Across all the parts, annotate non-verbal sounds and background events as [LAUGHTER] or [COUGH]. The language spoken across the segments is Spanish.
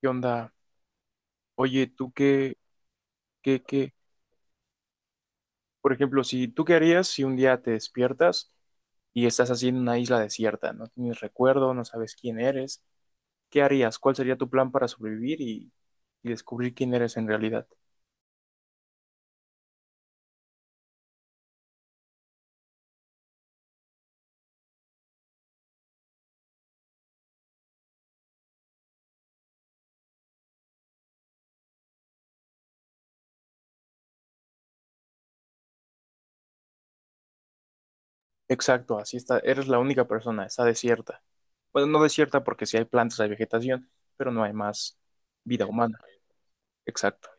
¿Qué onda? Oye, ¿tú qué? Por ejemplo, si ¿tú qué harías si un día te despiertas y estás así en una isla desierta, no tienes recuerdo, no sabes quién eres? ¿Qué harías? ¿Cuál sería tu plan para sobrevivir y descubrir quién eres en realidad? Exacto, así está, eres la única persona, está desierta. Bueno, no desierta porque sí hay plantas, hay vegetación, pero no hay más vida humana. Exacto,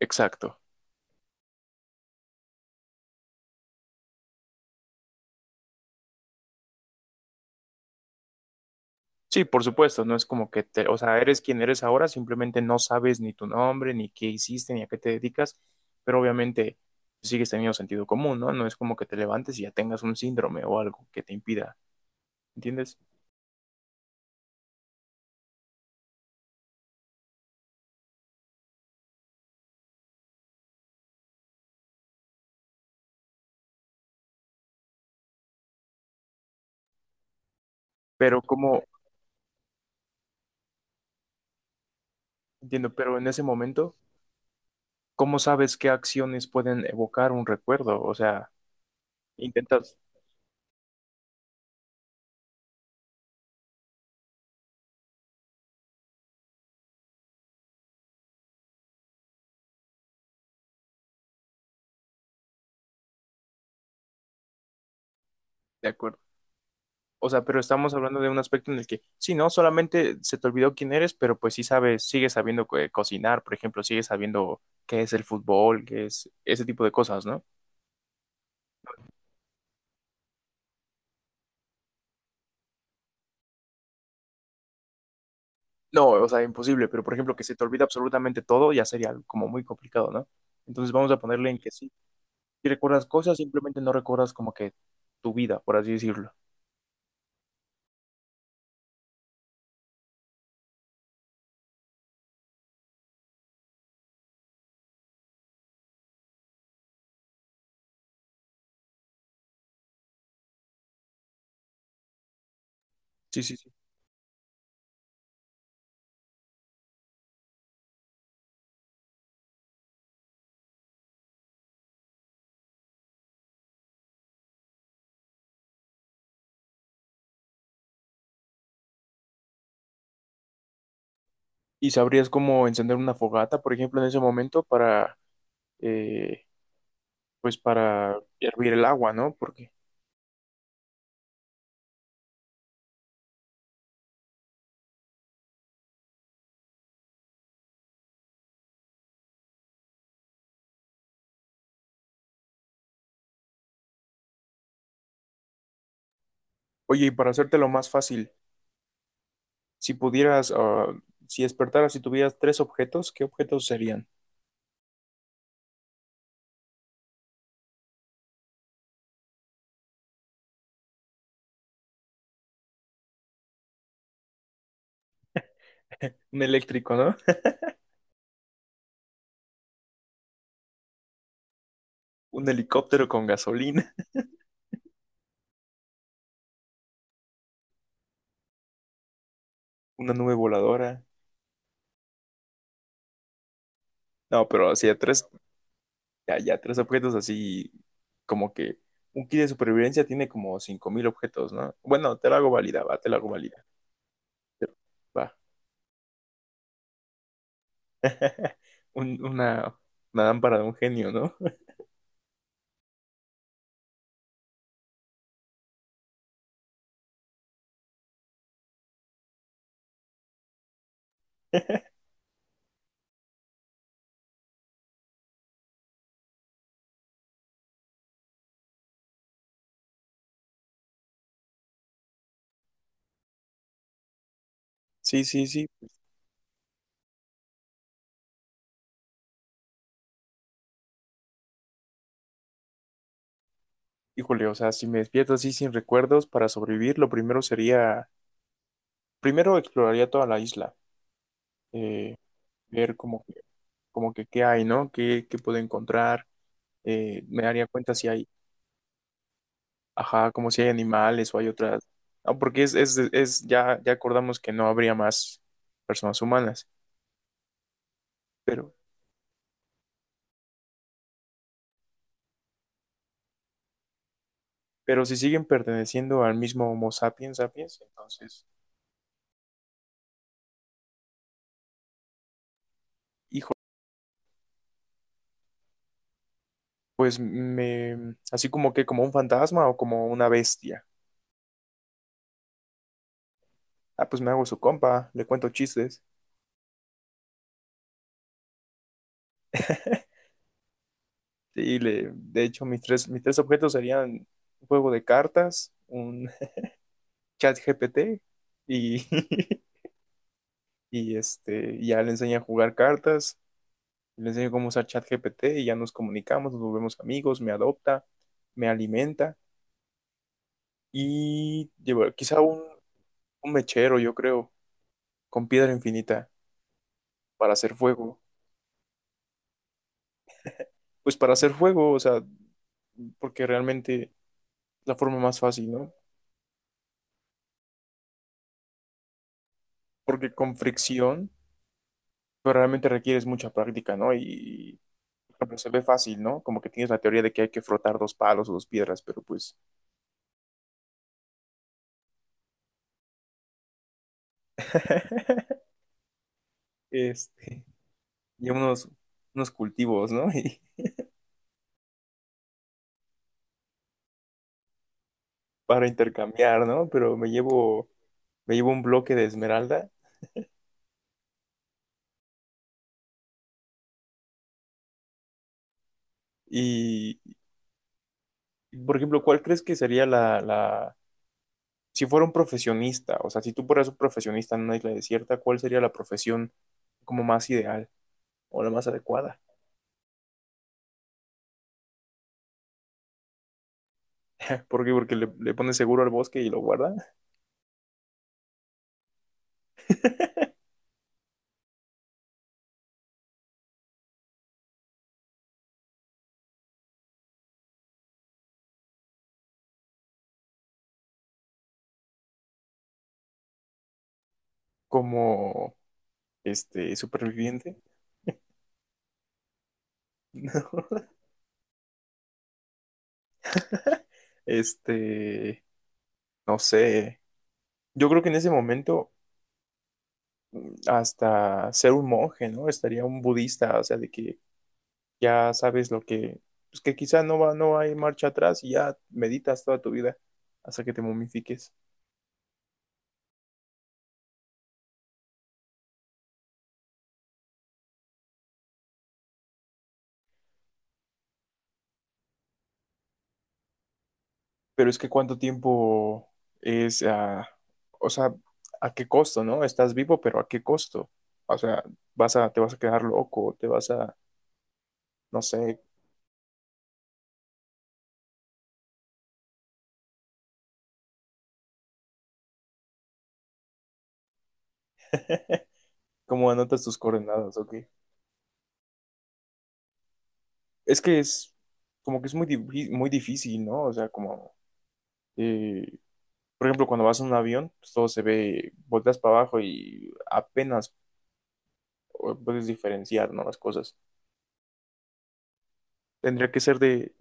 exacto. Sí, por supuesto, no es como que te, o sea, eres quien eres ahora, simplemente no sabes ni tu nombre, ni qué hiciste, ni a qué te dedicas, pero obviamente sigues teniendo sentido común, ¿no? No es como que te levantes y ya tengas un síndrome o algo que te impida, ¿entiendes? Pero como, entiendo, pero en ese momento, ¿cómo sabes qué acciones pueden evocar un recuerdo? O sea, intentas, de acuerdo. O sea, pero estamos hablando de un aspecto en el que, sí, no, solamente se te olvidó quién eres, pero pues sí sabes, sigues sabiendo cocinar, por ejemplo, sigues sabiendo qué es el fútbol, qué es ese tipo de cosas, ¿no? No, o sea, imposible, pero por ejemplo, que se te olvida absolutamente todo, ya sería algo como muy complicado, ¿no? Entonces vamos a ponerle en que sí, si recuerdas cosas, simplemente no recuerdas como que tu vida, por así decirlo. Sí, sí, sí. ¿Y sabrías cómo encender una fogata, por ejemplo, en ese momento para, eh, pues para hervir el agua, ¿no? Porque... Oye, y para hacértelo más fácil, si pudieras, si despertaras y tuvieras tres objetos, ¿qué objetos serían? Un eléctrico, ¿no? [LAUGHS] Un helicóptero con gasolina, una nube voladora. No, pero así a tres, ya tres objetos así como que un kit de supervivencia tiene como 5.000 objetos, ¿no? Bueno, te la hago válida, va, te la hago válida. Pero, va. [LAUGHS] Un- una, una lámpara de un genio, ¿no? Sí, sí, sí. Híjole, o sea, si me despierto así sin recuerdos para sobrevivir, lo primero sería, primero exploraría toda la isla. Eh, ver como que qué hay, ¿no? ¿Qué puedo encontrar? Me daría cuenta si hay, ajá, como si hay animales o hay otras. Ah, porque es, ya acordamos que no habría más personas humanas, pero, si siguen perteneciendo al mismo Homo sapiens sapiens, entonces, hijo, así como que como un fantasma o como una bestia. Ah, pues me hago su compa, le cuento chistes. Y le, de hecho, mis tres objetos serían un juego de cartas, un ChatGPT y, [LAUGHS] y este, ya le enseña a jugar cartas, le enseño cómo usar ChatGPT y ya nos comunicamos, nos volvemos amigos, me adopta, me alimenta y llevo quizá un mechero, yo creo, con piedra infinita para hacer fuego. Pues para hacer fuego, o sea, porque realmente es la forma más fácil, ¿no? Porque con fricción, pero realmente requieres mucha práctica, ¿no? Y, por ejemplo, se ve fácil, ¿no? Como que tienes la teoría de que hay que frotar dos palos o dos piedras, pero pues... [LAUGHS] Este, y unos cultivos, ¿no? [LAUGHS] Y para intercambiar, ¿no? Pero me llevo un bloque de esmeralda y, por ejemplo, ¿cuál crees que sería si fuera un profesionista, o sea, si tú fueras un profesionista en una isla desierta, ¿cuál sería la profesión como más ideal o la más adecuada? [LAUGHS] ¿Por qué? Porque le pones seguro al bosque y lo guarda como, este, superviviente, [LAUGHS] ¿no? Este, no sé. Yo creo que en ese momento hasta ser un monje, ¿no? Estaría un budista, o sea, de que ya sabes lo que, pues que quizá no va, no hay marcha atrás y ya meditas toda tu vida hasta que te momifiques. Pero es que cuánto tiempo es, o sea, a qué costo, ¿no? Estás vivo, pero a qué costo. O sea, te vas a quedar loco, no sé, [LAUGHS] cómo anotas tus coordenadas, ¿ok? Es que es como que es muy, muy difícil, ¿no? O sea, como eh, por ejemplo, cuando vas en un avión, pues todo se ve, volteas para abajo y apenas puedes diferenciar, ¿no? Las cosas. Tendría que ser de,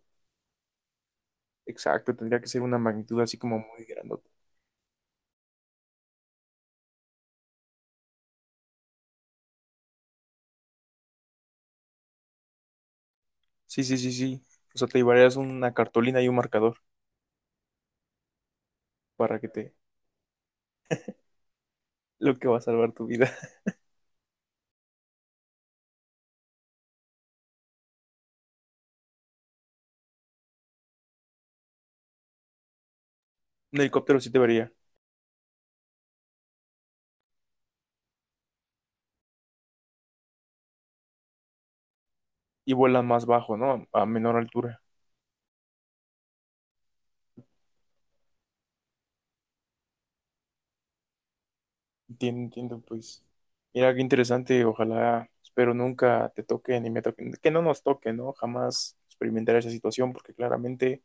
exacto, tendría que ser una magnitud así como muy grandota. Sí, sí, sí, sí. O sea, te llevarías una cartulina y un marcador para que te, lo que va a salvar tu vida. [LAUGHS] Un helicóptero sí te vería. Y vuelan más bajo, ¿no? A menor altura. Entiendo, entiendo, pues. Mira qué interesante, ojalá, espero nunca te toque ni me toquen, que no nos toque, ¿no? Jamás experimentar esa situación porque claramente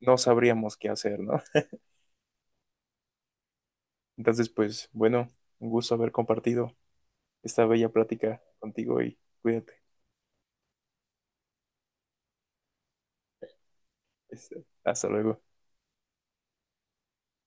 no sabríamos qué hacer, ¿no? [LAUGHS] Entonces, pues bueno, un gusto haber compartido esta bella plática contigo y cuídate. Este, hasta luego.